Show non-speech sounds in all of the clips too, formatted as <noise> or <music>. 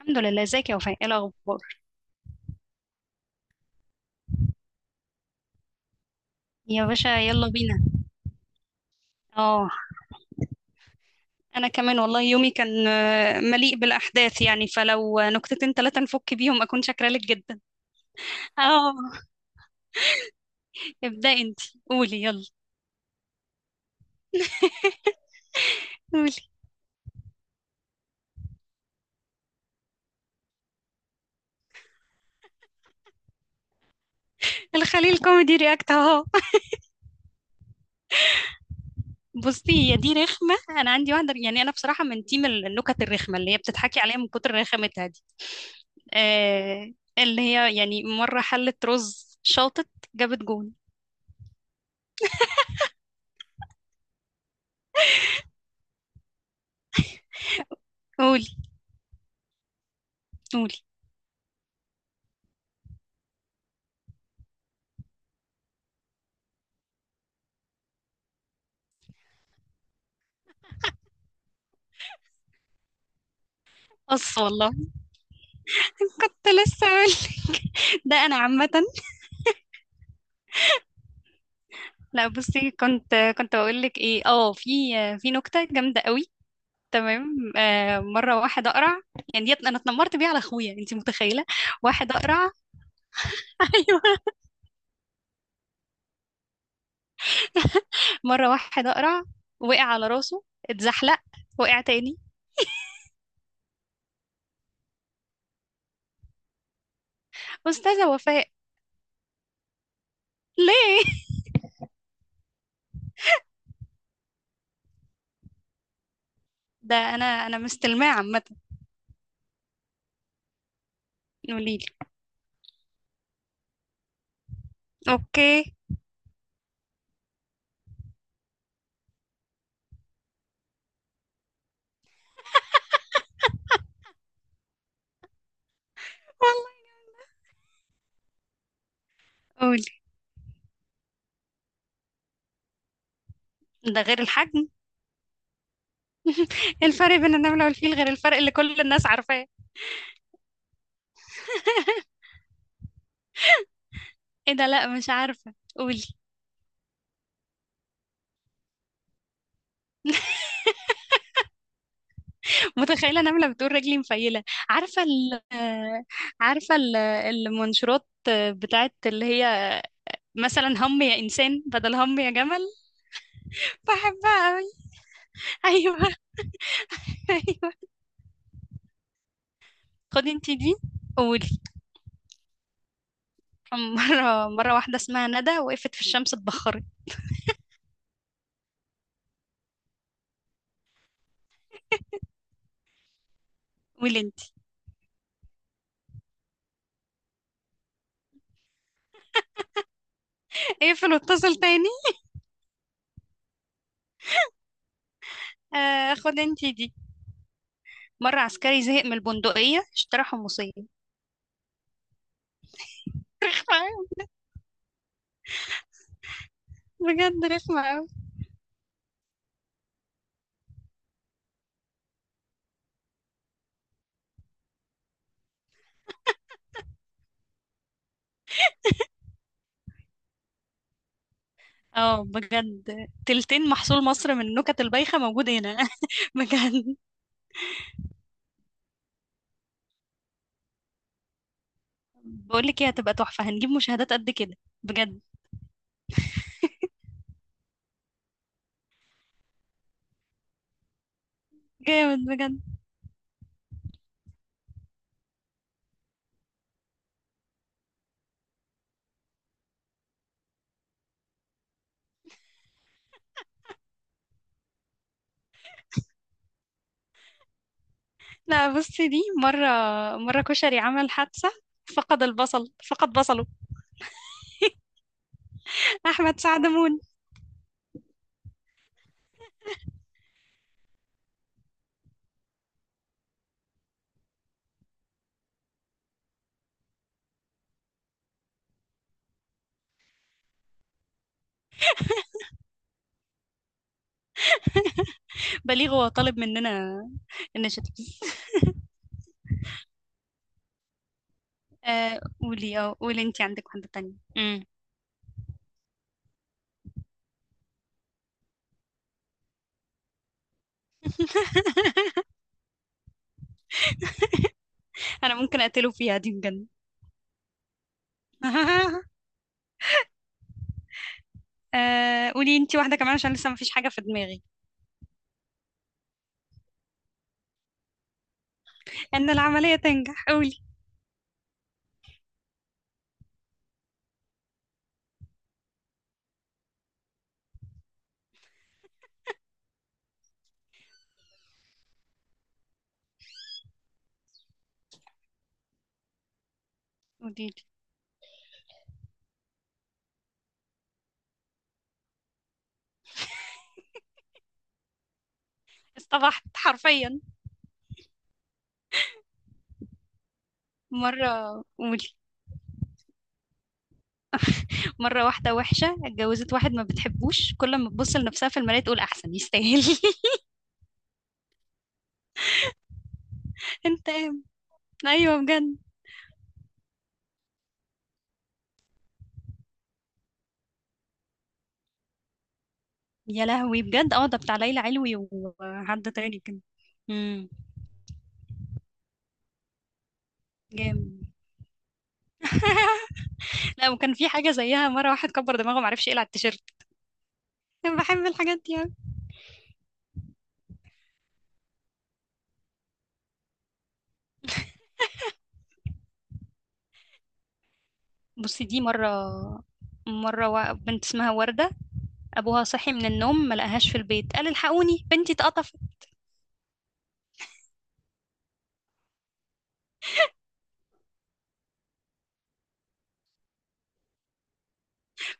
الحمد لله، ازيك يا وفاء؟ ايه الاخبار؟ يا باشا يلا بينا. اه. انا كمان والله يومي كان مليء بالاحداث، يعني فلو نكتتين ثلاثه نفك بيهم اكون شاكره لك جدا. اه، ابدأ انت. قولي يلا. قولي. الخليل كوميدي رياكت اهو. بصي هي دي رخمه، انا عندي واحده، يعني انا بصراحه من تيم النكت الرخمه اللي هي بتضحكي عليها من كتر رخامتها دي. آه، اللي هي يعني مره حلت رز شاطت، جابت جون. قولي. قولي. قص والله. كنت لسه اقول لك، <laughs> ده انا عامه. لا بصي، كنت بقول لك ايه، اه، في نكته جامده قوي. تمام. آه، مره واحد اقرع، يعني انا اتنمرت بيه على اخويا، انت متخيله؟ واحد اقرع. <laughs> ايوه. مره واحد اقرع وقع على راسه، اتزحلق، وقع تاني. استاذه وفاء. ليه؟ <laughs> ده انا مستلماه عامه. قولي لي. اوكي. والله. قولي. ده غير الحجم. الفرق بين النمله والفيل غير الفرق اللي كل الناس عارفاه. ايه ده، لا مش عارفه، قولي. <laughs> متخيله انا عامله بتقول رجلي مفيله. عارفه ال، <laughs> عارفه المنشورات، بتاعت اللي هي مثلا هم يا انسان بدل هم يا جمل. بحبها قوي. ايوه. <laughs> ايوه. خدي انتي دي. قولي. مره واحده اسمها ندى وقفت في الشمس اتبخرت. قولي انتي. <laughs> اقفل واتصل تاني. خدي انتي دي. مره عسكري زهق من البندقيه اشترى حمصيه. <laughs> رخمة أوي، بجد رخمه أوي. اه بجد، تلتين محصول مصر من النكت البايخة موجود هنا. <laughs> بجد. بقولك ايه، هتبقى تحفة، هنجيب مشاهدات قد كده. بجد. جامد بجد. لا بصي، دي مرة كشري عمل حادثة، فقد البصل، فقد بصله. أحمد سعد مون. بليغ هو طالب مننا النشاط. آه قولي، اه قولي انتي عندك واحدة تانية. مم. <laughs> أنا ممكن أقتله فيها دي بجد. <laughs> آه قولي انتي واحدة كمان عشان لسه مفيش حاجة في دماغي. إن العملية تنجح، قولي. قولي. اصطبحت حرفيا. مرة مرة واحدة وحشة اتجوزت واحد ما بتحبوش، كل ما تبص لنفسها في المراية تقول أحسن يستاهل. <laughs> انت قام. أيوه بجد. يا لهوي بجد، اه ده بتاع ليلى علوي وحد تاني كده. امم. جامد. لا وكان في حاجة زيها، مرة واحد كبر دماغه معرفش يقلع التيشيرت. أنا بحب الحاجات دي أوي. بصي دي مرة، بنت اسمها وردة، أبوها صحي من النوم ما لقاهاش في البيت قال الحقوني بنتي اتقطفت.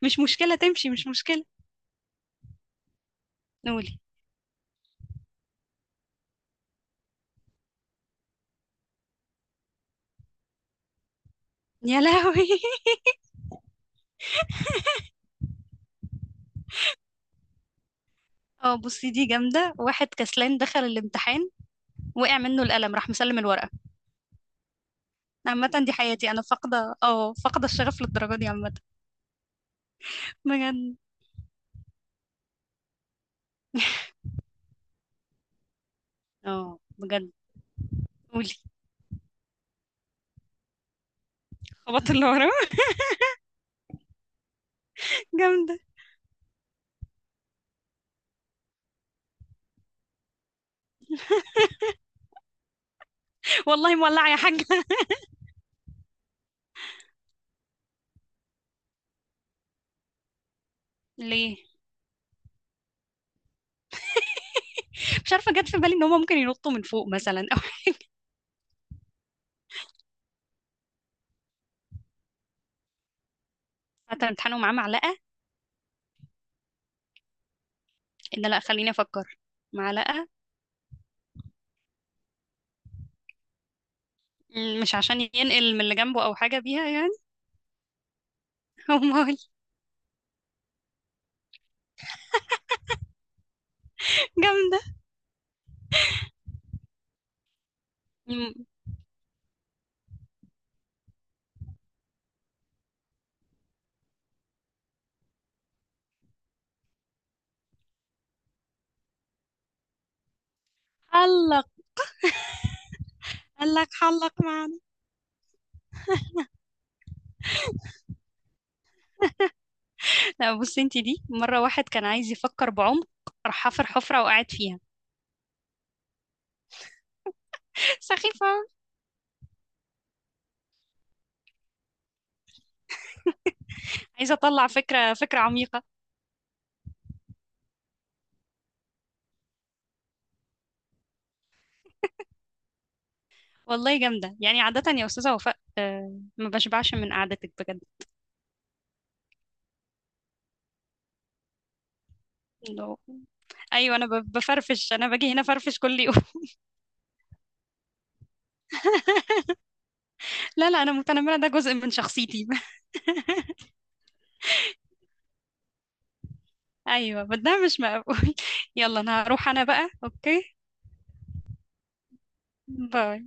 مش مشكلة تمشي، مش مشكلة. قولي. يا لهوي. <laughs> اه بصي دي جامدة، واحد كسلان دخل الامتحان وقع منه القلم راح مسلم الورقة. عامة دي حياتي، انا فاقدة، اه، فاقدة الشغف للدرجة دي عامة. بجد. اه بجد. قولي. خبط اللي ورا. <laughs> جامدة. والله مولعة يا حاجة. <laughs> ليه؟ مش عارفة جت في بالي ان هما ممكن ينطوا من فوق مثلا او. <laughs> حتى امتحانه معاه معلقة. ان لا خليني افكر. معلقة. مم، مش عشان ينقل من اللي جنبه او حاجة بيها يعني. <laughs> امال. جامدة. مم، حلق. قال لك حلق مع. لا بصي انتي دي، مرة واحد كان عايز يفكر بعمق راح حفر حفرة وقعد فيها. <laughs> سخيفة أوي. عايزة أطلع فكرة عميقة. والله جامدة، يعني عادة يا أستاذة وفاء ما بشبعش من قعدتك بجد. لو- أيوة أنا بفرفش، أنا باجي هنا فرفش كل يوم. <laughs> لا لا، أنا متنمرة، ده جزء من شخصيتي. <laughs> أيوة بس ده مش مقبول. <laughs> يلا أنا هروح، أنا بقى، أوكي، باي.